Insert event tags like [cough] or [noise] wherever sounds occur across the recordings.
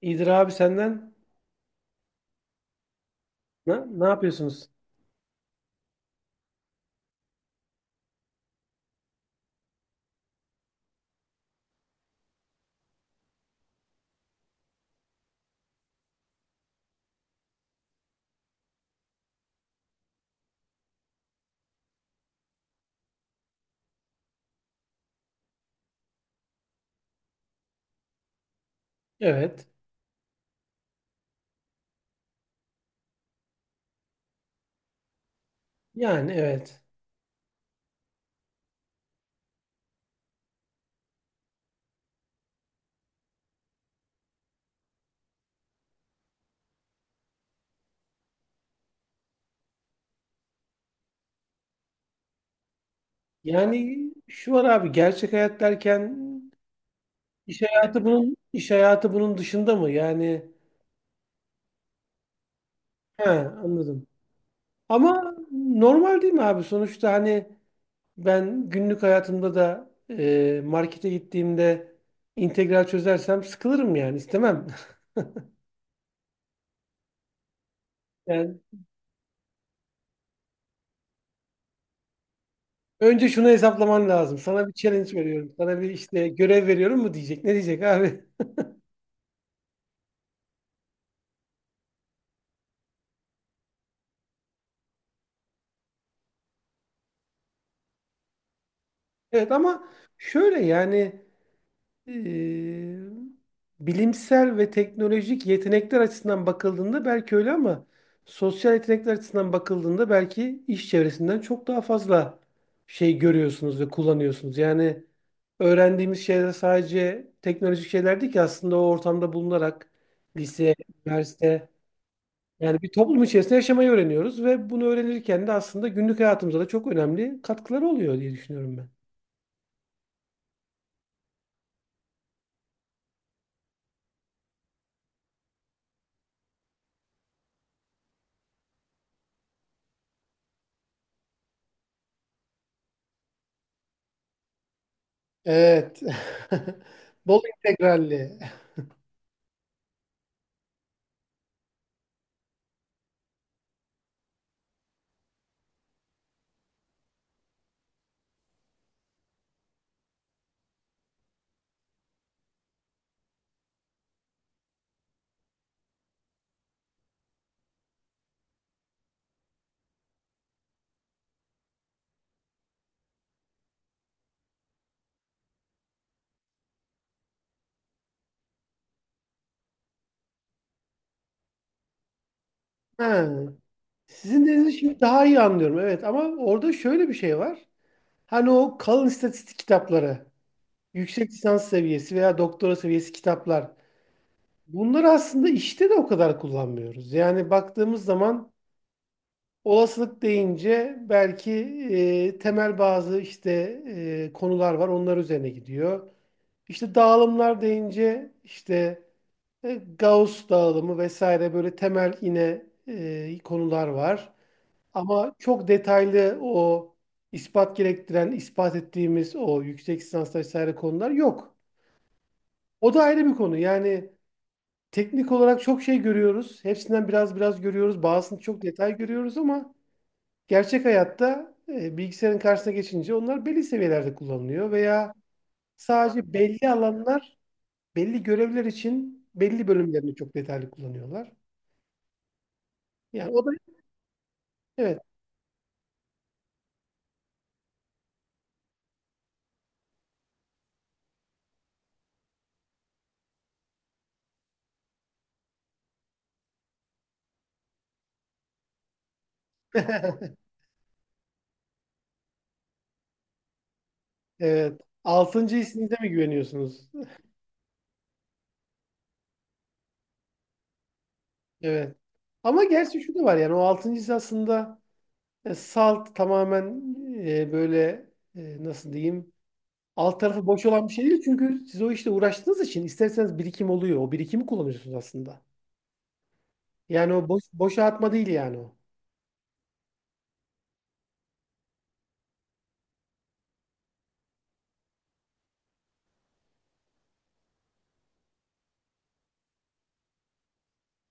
İyidir abi senden. Ne, ne yapıyorsunuz? Evet. Yani evet. Yani şu var abi gerçek hayat derken iş hayatı bunun iş hayatı bunun dışında mı? Yani he anladım. Ama normal değil mi abi? Sonuçta hani ben günlük hayatımda da markete gittiğimde integral çözersem sıkılırım yani istemem. [laughs] Yani önce şunu hesaplaman lazım. Sana bir challenge veriyorum. Sana bir işte görev veriyorum mu diyecek. Ne diyecek abi? Evet ama şöyle yani eee, bilimsel ve teknolojik yetenekler açısından bakıldığında belki öyle ama sosyal yetenekler açısından bakıldığında belki iş çevresinden çok daha fazla şey görüyorsunuz ve kullanıyorsunuz. Yani öğrendiğimiz şeyler sadece teknolojik şeyler değil ki aslında o ortamda bulunarak lise, üniversite yani bir toplum içerisinde yaşamayı öğreniyoruz ve bunu öğrenirken de aslında günlük hayatımıza da çok önemli katkıları oluyor diye düşünüyorum ben. Evet. [laughs] Bol integralli. Ha. Sizin dediğinizi şimdi daha iyi anlıyorum. Evet ama orada şöyle bir şey var. Hani o kalın istatistik kitapları, yüksek lisans seviyesi veya doktora seviyesi kitaplar. Bunları aslında işte de o kadar kullanmıyoruz. Yani baktığımız zaman olasılık deyince belki temel bazı işte konular var. Onlar üzerine gidiyor. İşte dağılımlar deyince işte Gauss dağılımı vesaire böyle temel yine konular var. Ama çok detaylı o ispat gerektiren, ispat ettiğimiz o yüksek lisans vesaire konular yok. O da ayrı bir konu. Yani teknik olarak çok şey görüyoruz. Hepsinden biraz biraz görüyoruz. Bazısını çok detay görüyoruz ama gerçek hayatta bilgisayarın karşısına geçince onlar belli seviyelerde kullanılıyor veya sadece belli alanlar, belli görevler için belli bölümlerini çok detaylı kullanıyorlar. Yani o da evet. [laughs] Evet. Altıncı hissinize mi güveniyorsunuz? Evet. Ama gerçi şu da var yani o altıncı his aslında salt tamamen böyle nasıl diyeyim alt tarafı boş olan bir şey değil. Çünkü siz o işte uğraştığınız için isterseniz birikim oluyor. O birikimi kullanıyorsunuz aslında. Yani o boşa atma değil yani o.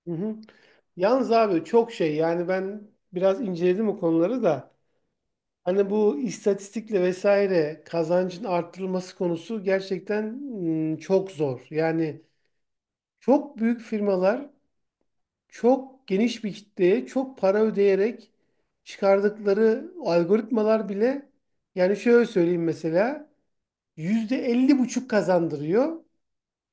Hı hı. Yalnız abi çok şey yani ben biraz inceledim o konuları da. Hani bu istatistikle vesaire kazancın arttırılması konusu gerçekten çok zor. Yani çok büyük firmalar çok geniş bir kitleye çok para ödeyerek çıkardıkları algoritmalar bile yani şöyle söyleyeyim mesela yüzde elli buçuk kazandırıyor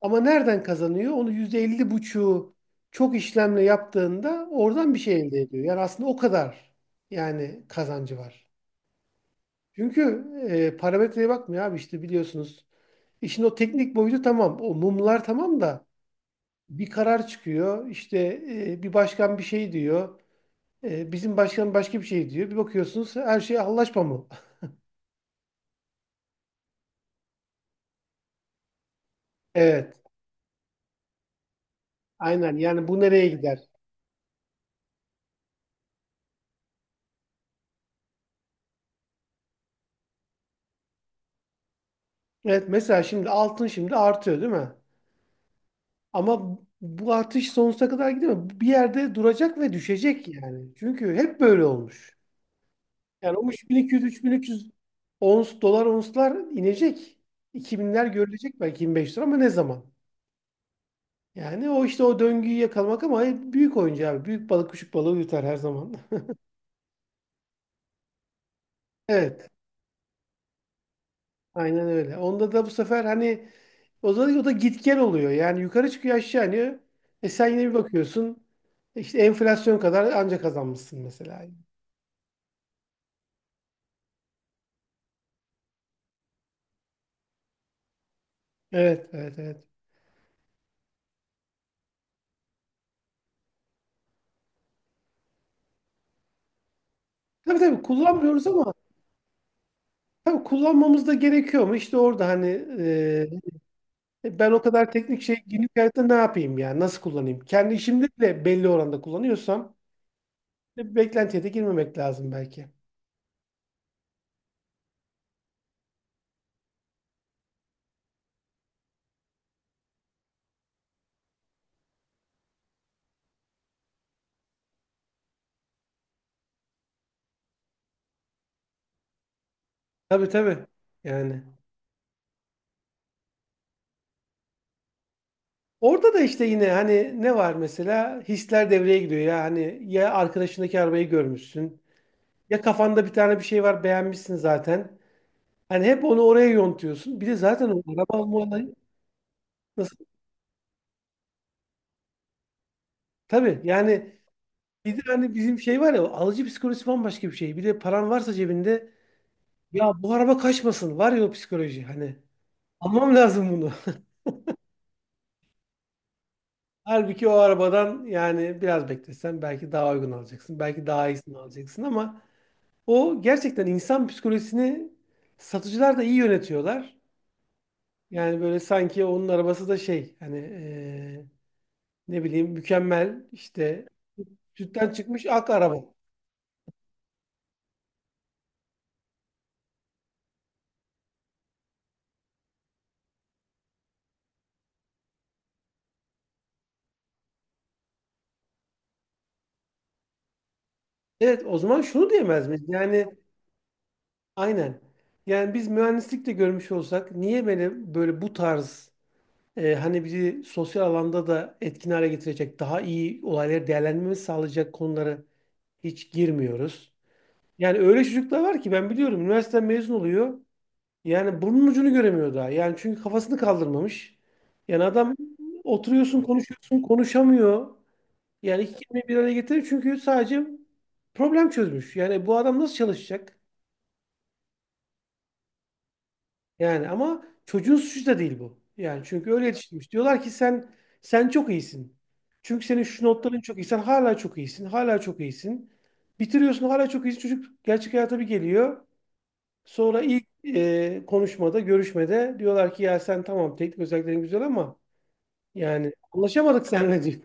ama nereden kazanıyor? Onu yüzde elli buçuğu çok işlemle yaptığında oradan bir şey elde ediyor. Yani aslında o kadar yani kazancı var. Çünkü parametreye bakmıyor abi işte biliyorsunuz. İşin o teknik boyutu tamam. O mumlar tamam da bir karar çıkıyor. İşte bir başkan bir şey diyor. E, bizim başkan başka bir şey diyor. Bir bakıyorsunuz her şey anlaşma mı? [laughs] Evet. Aynen yani bu nereye gider? Evet mesela şimdi altın şimdi artıyor değil mi? Ama bu artış sonsuza kadar gidemez. Bir yerde duracak ve düşecek yani. Çünkü hep böyle olmuş. Yani o 3200-3300 ons, dolar onslar inecek. 2000'ler görülecek belki 25 lira ama ne zaman? Yani o işte o döngüyü yakalamak ama büyük oyuncu abi. Büyük balık küçük balığı yutar her zaman. [laughs] Evet. Aynen öyle. Onda da bu sefer hani o da git gel oluyor. Yani yukarı çıkıyor aşağı iniyor. E sen yine bir bakıyorsun. E işte enflasyon kadar anca kazanmışsın mesela. Evet, evet, evet. Tabii tabii kullanmıyoruz ama tabii kullanmamız da gerekiyor mu? İşte orada hani ben o kadar teknik şey günlük hayatta ne yapayım yani? Nasıl kullanayım? Kendi işimde bile belli oranda kullanıyorsam beklentiye de girmemek lazım belki. Tabii tabii. Yani. Orada da işte yine hani ne var mesela? Hisler devreye giriyor ya. Hani ya arkadaşındaki arabayı görmüşsün. Ya kafanda bir tane bir şey var beğenmişsin zaten. Hani hep onu oraya yontuyorsun. Bir de zaten o araba alma olayı nasıl? Tabii yani bir de hani bizim şey var ya alıcı psikolojisi bambaşka bir şey. Bir de paran varsa cebinde. Ya bu araba kaçmasın. Var ya o psikoloji hani. Almam lazım bunu. [laughs] Halbuki o arabadan yani biraz beklesen belki daha uygun alacaksın. Belki daha iyisini alacaksın ama o gerçekten insan psikolojisini satıcılar da iyi yönetiyorlar. Yani böyle sanki onun arabası da şey hani ne bileyim mükemmel işte sütten çıkmış ak araba. Evet o zaman şunu diyemez miyiz? Yani aynen. Yani biz mühendislik de görmüş olsak niye böyle bu tarz hani bizi sosyal alanda da etkin hale getirecek, daha iyi olayları değerlendirmemizi sağlayacak konulara hiç girmiyoruz. Yani öyle çocuklar var ki ben biliyorum üniversiteden mezun oluyor. Yani burnun ucunu göremiyor daha. Yani çünkü kafasını kaldırmamış. Yani adam oturuyorsun konuşuyorsun konuşamıyor. Yani iki kelimeyi bir araya getirir çünkü sadece problem çözmüş. Yani bu adam nasıl çalışacak? Yani ama çocuğun suçu da değil bu. Yani çünkü öyle yetiştirmiş. Diyorlar ki sen çok iyisin. Çünkü senin şu notların çok iyi. Sen hala çok iyisin. Hala çok iyisin. Bitiriyorsun hala çok iyisin. Çocuk gerçek hayata bir geliyor. Sonra ilk konuşmada, görüşmede diyorlar ki ya sen tamam teknik özelliklerin güzel ama yani anlaşamadık seninle diyor.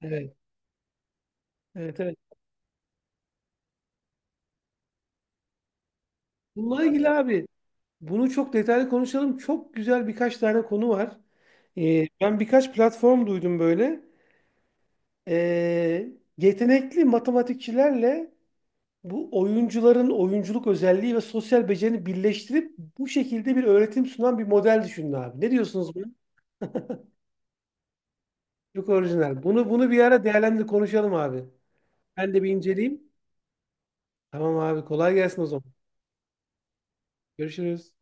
[laughs] Evet, evet, evet. Bununla ilgili abi bunu çok detaylı konuşalım. Çok güzel birkaç tane konu var. E, ben birkaç platform duydum böyle. Ee, yetenekli matematikçilerle bu oyuncuların oyunculuk özelliği ve sosyal becerini birleştirip bu şekilde bir öğretim sunan bir model düşünün abi. Ne diyorsunuz buna? Çok orijinal. Bunu bir ara değerlendir konuşalım abi. Ben de bir inceleyeyim. Tamam abi kolay gelsin o zaman. Görüşürüz.